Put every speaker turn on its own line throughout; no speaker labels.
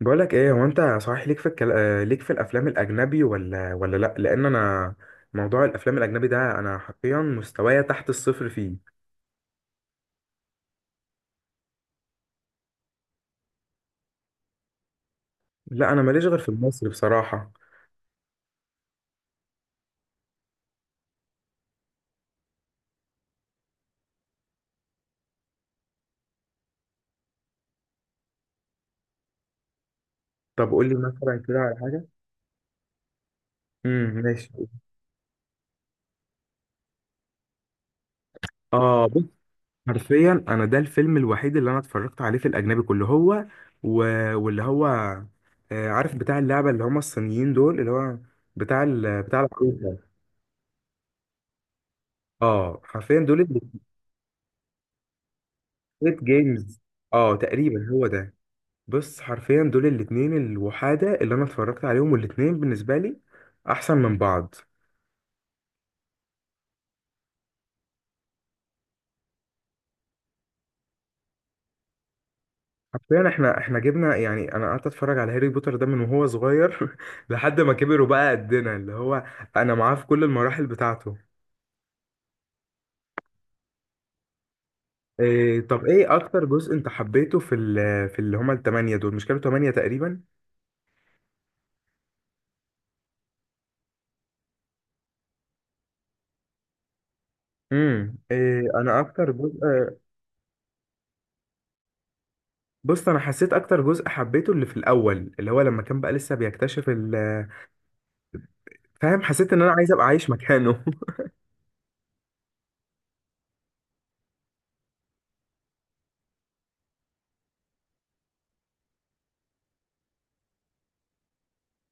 بقولك ايه، هو انت صحيح ليك في الكل ليك في الافلام الاجنبي ولا لا، لان انا موضوع الافلام الاجنبي ده، انا حرفيا مستوايا تحت الصفر فيه. لا، انا ماليش غير في المصري بصراحه. طب قول لي مثلا كده على حاجه. ماشي. اه، بص، حرفيا انا ده الفيلم الوحيد اللي انا اتفرجت عليه في الاجنبي كله، هو و... واللي هو عارف بتاع اللعبه اللي هم الصينيين دول، اللي هو بتاع العروسه. اه حرفيا دول، الستريت جيمز. اه، تقريبا هو ده. بص، حرفيا دول الاتنين الوحادة اللي انا اتفرجت عليهم، والاتنين بالنسبة لي احسن من بعض. حرفيا احنا جبنا، يعني انا قعدت اتفرج على هاري بوتر ده من وهو صغير لحد ما كبر وبقى قدنا، اللي هو انا معاه في كل المراحل بتاعته. إيه، طب ايه اكتر جزء انت حبيته في اللي هما ال8 دول؟ مش كانوا 8 تقريبا؟ إيه، انا اكتر جزء. بص، انا حسيت اكتر جزء حبيته اللي في الاول، اللي هو لما كان بقى لسه بيكتشف ال-، فاهم؟ حسيت ان انا عايز ابقى عايش مكانه.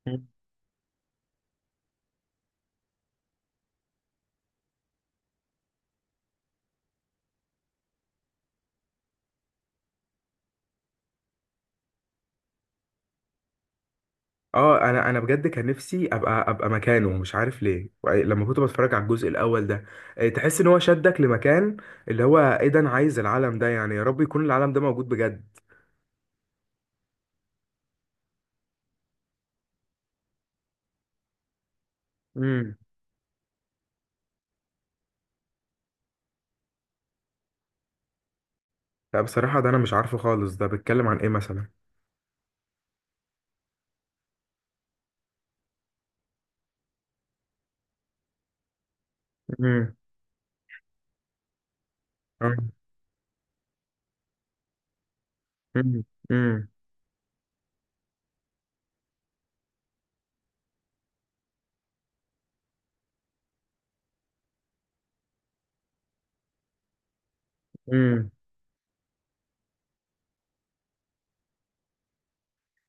اه، انا بجد كان نفسي ابقى مكانه، مش عارف ليه، لما كنت بتفرج على الجزء الاول ده تحس ان هو شدك لمكان، اللي هو ايه ده؟ انا عايز العالم ده، يعني يا رب يكون العالم ده موجود بجد. امم لا، بصراحة ده انا مش عارفه خالص، ده بيتكلم عن ايه مثلا؟ امم. آه. امم. امم. امم.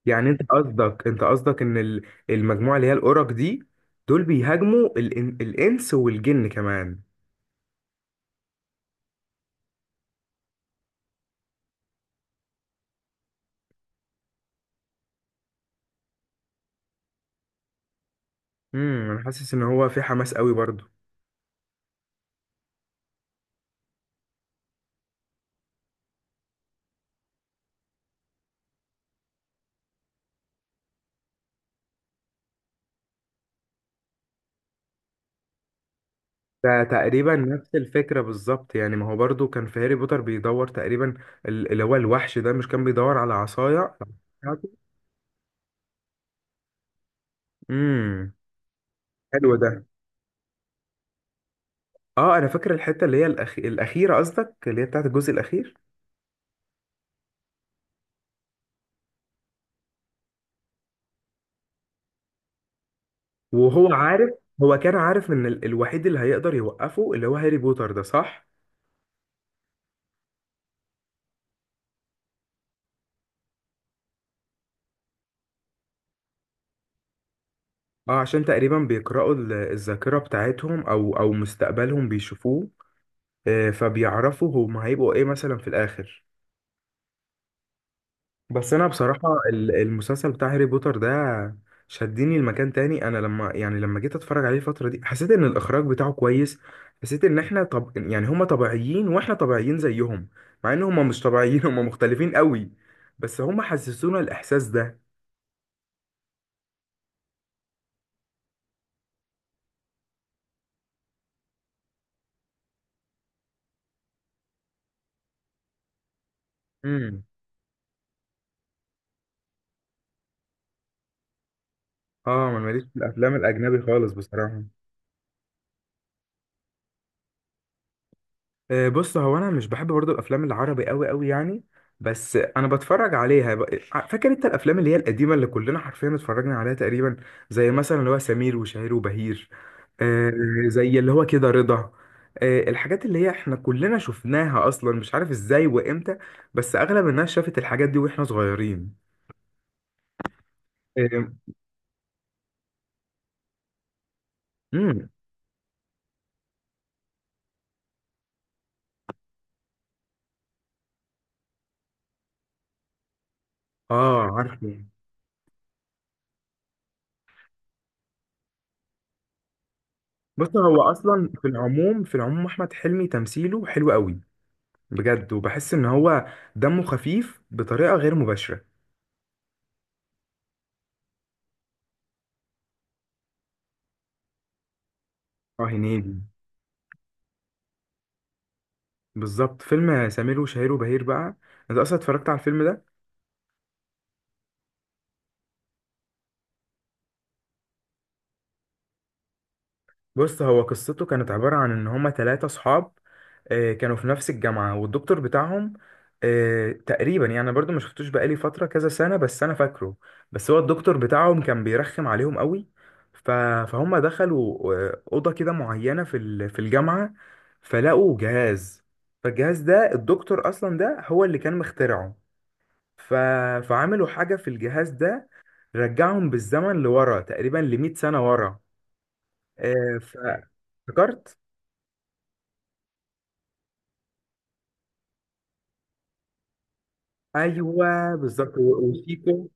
يعني انت قصدك، ان المجموعة اللي هي الأورك دي، دول بيهاجموا الانس والجن كمان؟ انا حاسس ان هو في حماس قوي برضه. ده تقريبا نفس الفكرة بالظبط، يعني ما هو برضو كان في هاري بوتر بيدور تقريبا، اللي هو الوحش ده مش كان بيدور على عصاية بتاعته؟ امم حلو ده. اه، انا فاكر الحتة اللي هي الأخيرة، قصدك اللي هي بتاعت الجزء الأخير. وهو عارف، هو كان عارف ان الوحيد اللي هيقدر يوقفه اللي هو هاري بوتر ده، صح؟ اه، عشان تقريبا بيقرأوا الذاكرة بتاعتهم، او مستقبلهم بيشوفوه، فبيعرفوا هم هيبقوا ايه مثلا في الآخر. بس انا بصراحه المسلسل بتاع هاري بوتر ده شدني لمكان تاني. انا لما، يعني لما جيت اتفرج عليه الفتره دي، حسيت ان الاخراج بتاعه كويس. حسيت ان احنا، طب يعني هما طبيعيين واحنا طبيعيين زيهم، مع ان هما مش طبيعيين، هما مختلفين قوي، بس هما حسسونا الاحساس ده. امم. اه، ما ماليش في الافلام الاجنبي خالص بصراحه. بص، هو انا مش بحب برضو الافلام العربي قوي قوي يعني، بس انا بتفرج عليها فاكر انت الافلام اللي هي القديمه اللي كلنا حرفيا اتفرجنا عليها تقريبا، زي مثلا اللي هو سمير وشهير وبهير، آه، زي اللي هو كده رضا، الحاجات اللي هي احنا كلنا شفناها اصلا، مش عارف ازاي وامتى، بس اغلب الناس شافت الحاجات دي واحنا صغيرين. آه. امم. اه، عارفه. بص، هو اصلا في العموم، في العموم احمد حلمي تمثيله حلو قوي، بجد، وبحس ان هو دمه خفيف بطريقه غير مباشره. اه، هنيدي. بالظبط، فيلم سمير وشهير وبهير بقى، انت اصلا اتفرجت على الفيلم ده؟ بص، هو قصته كانت عباره عن ان هما 3 اصحاب، كانوا في نفس الجامعة، والدكتور بتاعهم تقريبا، يعني أنا برضو ما شفتوش بقالي فترة كذا سنة، بس أنا فاكره. بس هو الدكتور بتاعهم كان بيرخم عليهم قوي. ف- فهم دخلوا أوضة كده معينة في الجامعة، فلقوا جهاز، فالجهاز ده الدكتور أصلا ده هو اللي كان مخترعه. ف... فعملوا حاجة في الجهاز ده، رجعهم بالزمن لورا تقريبا ل100 سنة ورا، آه، ف- افتكرت. ايوه بالظبط، وشيكو،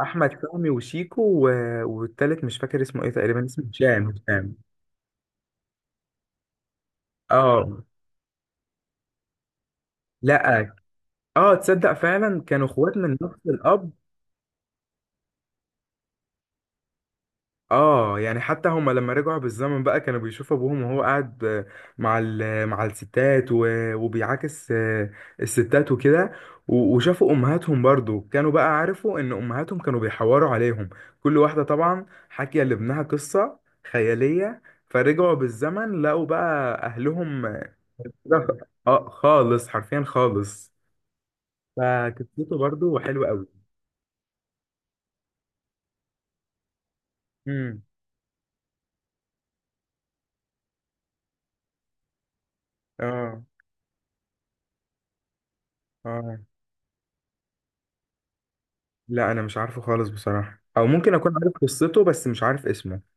احمد فهمي وشيكو والتالت مش فاكر اسمه ايه، تقريبا اسمه هشام هشام. اه، لا، اه، تصدق فعلا كانوا اخوات من نفس الاب. اه، يعني حتى هما لما رجعوا بالزمن بقى، كانوا بيشوفوا ابوهم وهو قاعد مع الستات وبيعاكس الستات وكده، وشافوا امهاتهم برضو، كانوا بقى عرفوا ان امهاتهم كانوا بيحوروا عليهم، كل واحدة طبعا حكي لابنها قصة خيالية، فرجعوا بالزمن لقوا بقى اهلهم ده. اه خالص، حرفيا خالص. فقصته برضو حلوة قوي. امم. اه، اه، لا، انا مش عارفه خالص بصراحة، او ممكن اكون عارف قصته بس مش عارف اسمه.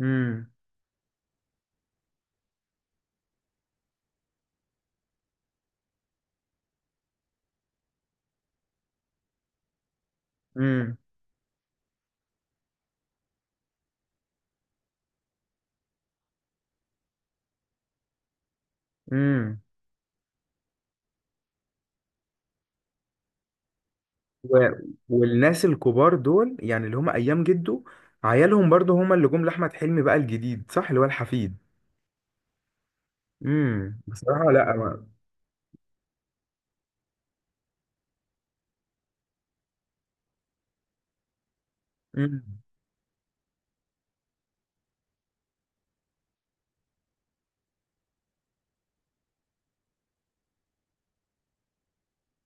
امم. امم. امم و... والناس الكبار دول، يعني اللي هم ايام جده، عيالهم برضو هم اللي جم لاحمد حلمي بقى الجديد، صح؟ اللي هو الحفيد. امم، بصراحة لا، ما... مم.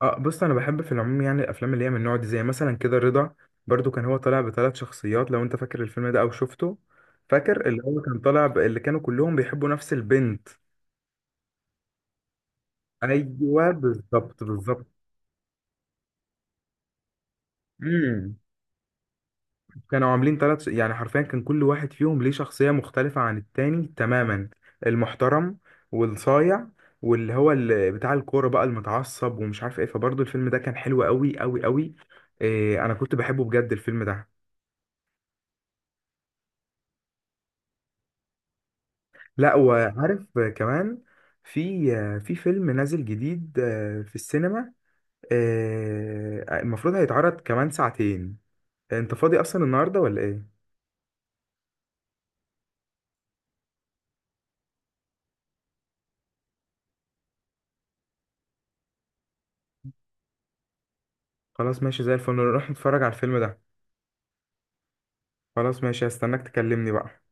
اه، بص، انا بحب في العموم يعني الافلام اللي هي من النوع دي، زي مثلا كده رضا، برضو كان هو طالع بثلاث شخصيات لو انت فاكر الفيلم ده او شفته. فاكر اللي هو كان طالع اللي كانوا كلهم بيحبوا نفس البنت. ايوه، بالظبط بالظبط. امم كانوا عاملين ثلاث، يعني حرفيا كان كل واحد فيهم ليه شخصية مختلفة عن التاني تماما: المحترم، والصايع، واللي هو اللي بتاع الكورة بقى المتعصب، ومش عارف ايه. فبرضو الفيلم ده كان حلو قوي قوي قوي. إيه، انا كنت بحبه بجد الفيلم ده. لا، وعارف كمان، في فيلم نازل جديد في السينما، المفروض هيتعرض كمان ساعتين. انت فاضي اصلا النهارده ولا ايه؟ خلاص ماشي، زي الفل نروح نتفرج على الفيلم ده. خلاص ماشي، هستناك تكلمني بقى.